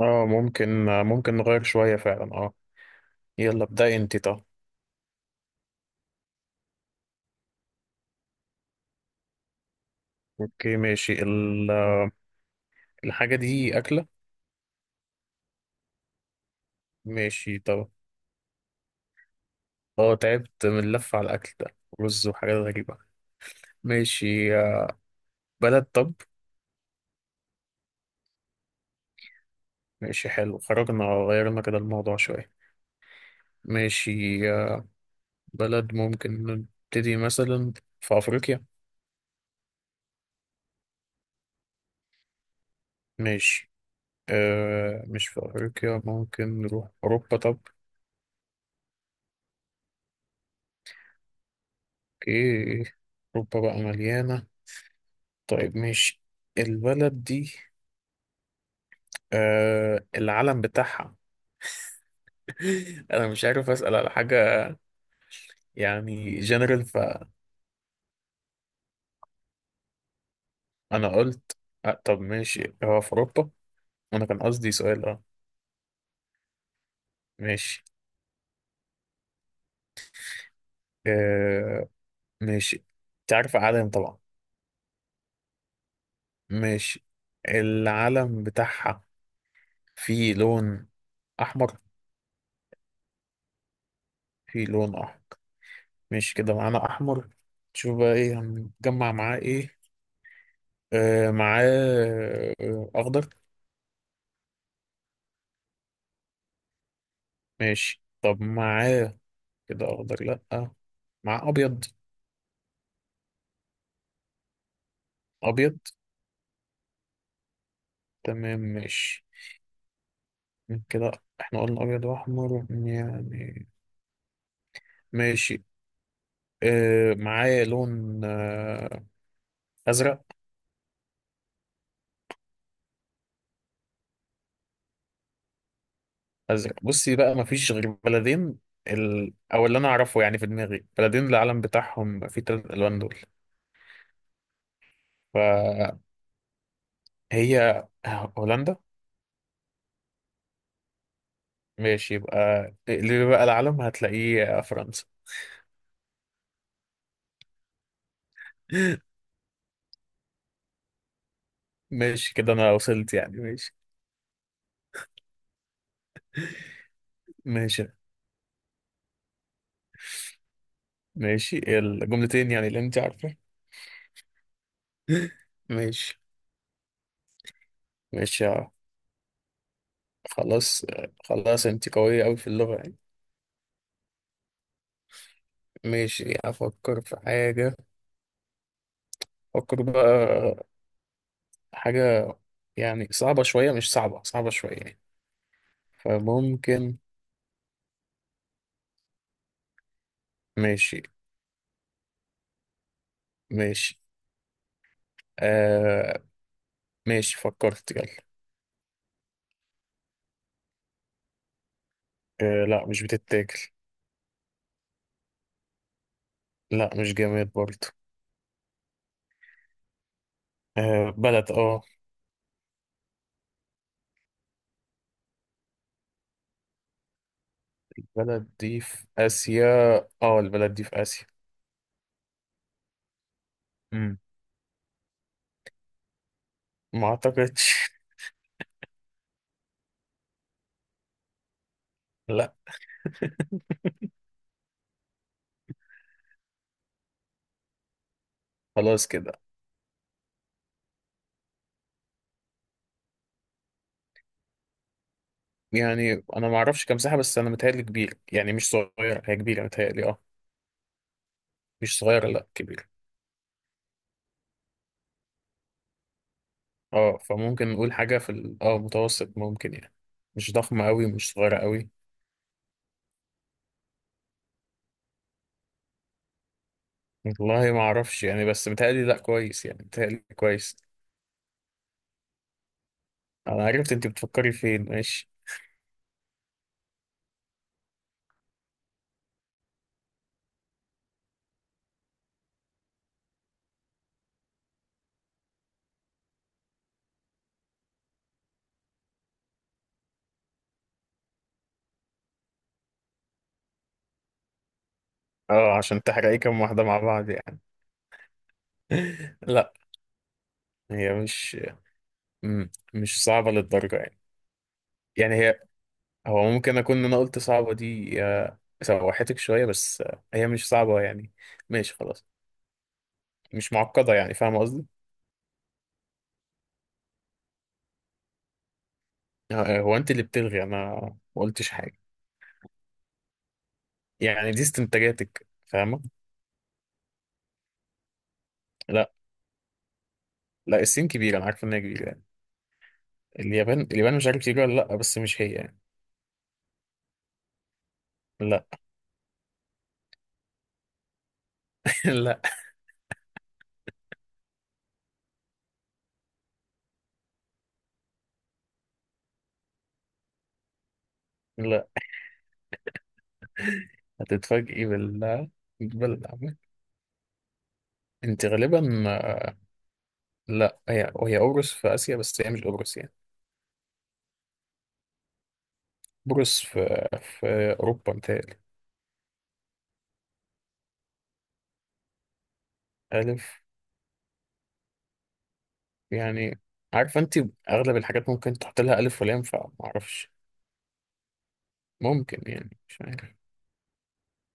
اه ممكن نغير شوية فعلا يلا ابدأي انت طب. اوكي ماشي الحاجة دي أكلة. ماشي طب. اه تعبت من اللف على الأكل ده، رز وحاجات غريبة. ماشي. بلد طب. ماشي حلو، خرجنا غيرنا كده الموضوع شوية. ماشي. آه، بلد ممكن نبتدي مثلا في أفريقيا. ماشي. مش في أفريقيا، ممكن نروح أوروبا طب. اوكي. أوروبا بقى مليانة. طيب ماشي، البلد دي العلم بتاعها. انا مش عارف اسال على حاجه، يعني جنرال فانا. قلت طب ماشي هو في اوروبا. انا كان قصدي سؤال اه ماشي. آه ماشي. تعرف علم طبعا. ماشي. العلم بتاعها فيه لون احمر. فيه لون احمر. ماشي كده معانا احمر. شوف بقى ايه هنجمع معاه ايه. معاه اخضر. ماشي طب معاه كده اخضر لا، مع ابيض. ابيض. تمام ماشي كده. احنا قلنا ابيض واحمر يعني. ماشي. اه معايا لون ازرق. ازرق، بصي بقى مفيش غير بلدين. او اللي انا اعرفه يعني في دماغي بلدين، العلم بتاعهم في 3 الوان دول. فهي هولندا. ماشي، يبقى اللي بقى العلم هتلاقيه فرنسا. ماشي كده انا وصلت يعني، ماشي ماشي. ماشي، إيه الجملتين يعني اللي انت عارفة؟ ماشي. ماشي خلاص. خلاص، انت قوية أوي في اللغة يعني. ماشي، أفكر في حاجة. أفكر بقى حاجة يعني صعبة شوية، مش صعبة صعبة شوية يعني. فممكن. ماشي. ماشي. آه ماشي فكرت، يلا. آه، لا مش بتتاكل. لا مش جماد برضه. آه بلد، بلد دي في آسيا، اه البلد دي في آسيا. مم. ما أعتقدش. لا. خلاص كده. يعني انا ما اعرفش كام ساحه، بس انا متهيألي كبير يعني مش صغير، هي كبيره متهيألي اه مش صغيره لا، كبيره. اه فممكن نقول حاجه في متوسط ممكن يعني. مش ضخمه قوي مش صغيره قوي. والله ما اعرفش يعني، بس متهيألي لا كويس يعني، متهيألي كويس. انا عرفت انت بتفكري فين، ماشي. اه عشان تحرقي كام واحده مع بعض يعني. لا. هي مش مش صعبه للدرجه يعني. يعني هي هو ممكن اكون انا قلت صعبة دي، سوحتك شوية بس، هي مش صعبة يعني. ماشي خلاص. مش معقدة يعني، فاهمة قصدي. هو انت اللي بتلغي، انا ما قلتش حاجة. يعني دي استنتاجاتك، فاهمة. لا. لا الصين كبيرة، انا عارف انها كبيرة يعني. اليابان مش عارف كبيرة ولا لا، بس مش هي يعني. لا. لا. لا هتتفاجئي بالعمل. انت غالبا، لا، هي قبرص في اسيا، بس هي مش قبرص يعني. قبرص في اوروبا متهيألي. ألف. يعني عارفة انت، اغلب الحاجات ممكن تحط لها الف ولام، فمعرفش. ممكن يعني، مش عارف،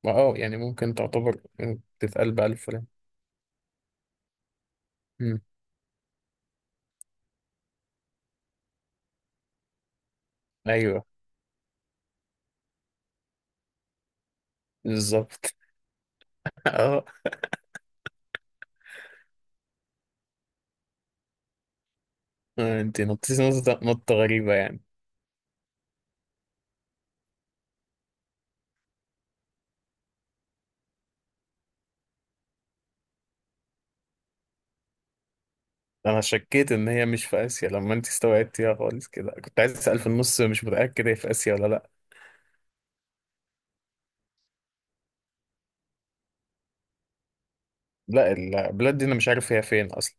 ما يعني ممكن تعتبر تتقال بألف ولام. مم. ايوه بالظبط. اه. انت نطيتي نطة نطة غريبة يعني. انا شكيت ان هي مش في اسيا، لما انت استوعبتيها خالص كده كنت عايز اسأل في النص، مش متأكد هي في اسيا ولا لا. لا، البلاد دي انا مش عارف هي فين اصلا.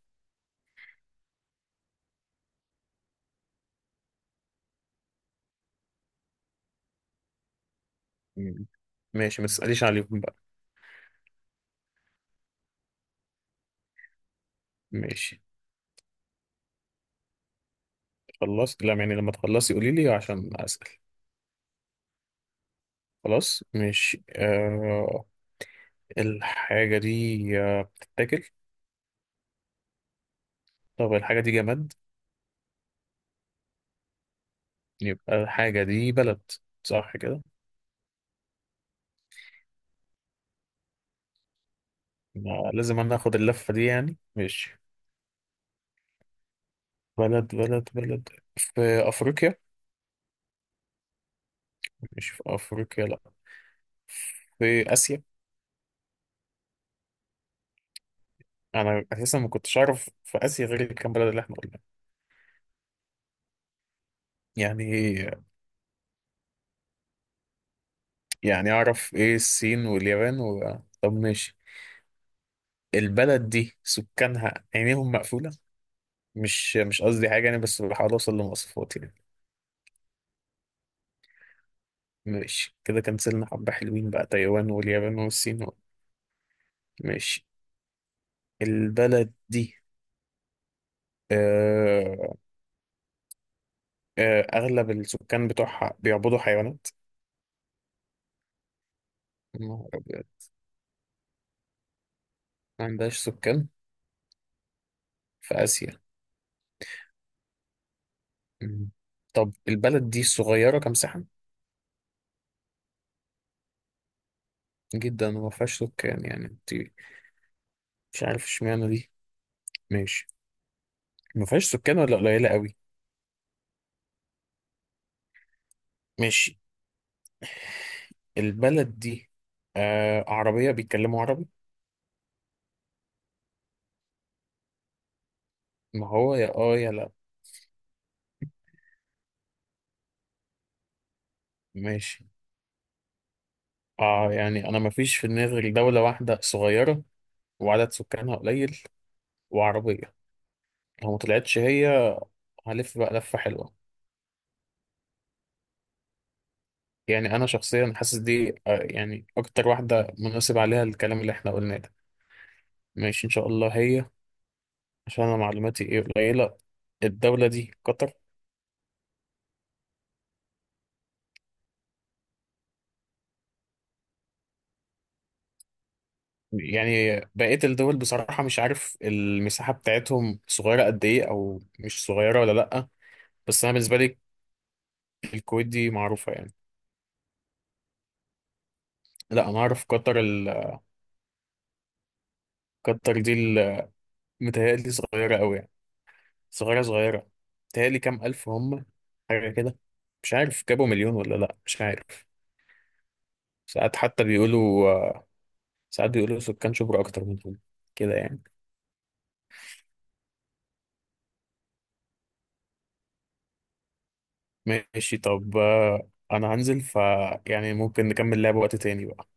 مم. ماشي، ما تسأليش عليهم بقى. ماشي خلصت لا يعني، لما تخلصي قولي لي عشان اسأل. خلاص. مش آه الحاجة دي، بتتاكل. طب الحاجة دي جماد. يبقى الحاجة دي بلد، صح كده. ما لازم أنا آخد اللفة دي يعني، ماشي. بلد بلد بلد، في أفريقيا. مش في أفريقيا لأ، في آسيا. أنا أساسا ما كنتش أعرف في آسيا غير الكام بلد اللي إحنا قلناها. يعني يعني أعرف إيه الصين واليابان و... طب ماشي، البلد دي سكانها عينيهم مقفولة؟ مش قصدي حاجة يعني، بس بحاول أوصل لمواصفات يعني. ماشي، كده كنسلنا حبة حلوين بقى، تايوان واليابان والصين. ماشي. البلد دي، آه أغلب السكان بتوعها بيعبدوا حيوانات. يا نهار أبيض. ما عندهاش سكان، في آسيا. مم. طب البلد دي صغيرة كمساحة، جدا وما فيهاش سكان يعني انت، مش عارف اشمعنى دي. ماشي. ما فيهاش سكان ولا قليلة قوي؟ ماشي، البلد دي عربية بيتكلموا عربي. ما هو يا يا لا. ماشي. يعني أنا مفيش في دماغي غير دولة واحدة صغيرة، وعدد سكانها قليل، وعربية. لو ما طلعتش هي، هلف بقى لفة حلوة. يعني أنا شخصيا حاسس دي يعني أكتر واحدة مناسب عليها الكلام اللي إحنا قلناه ده. ماشي إن شاء الله هي، عشان أنا معلوماتي إيه قليلة. الدولة دي قطر. يعني بقية الدول بصراحة مش عارف المساحة بتاعتهم صغيرة قد إيه أو مش صغيرة ولا لأ. بس أنا بالنسبة لي، الكويت دي معروفة يعني. لا، أنا أعرف قطر. قطر دي متهيألي صغيرة أوي يعني، صغيرة صغيرة، متهيألي كام ألف هم، حاجة كده. مش عارف جابوا مليون ولا لأ، مش عارف. ساعات حتى بيقولوا، ساعات بيقولوا سكان شبرا أكتر منهم كده يعني. ماشي طب، أنا هنزل. يعني ممكن نكمل لعب وقت تاني بقى.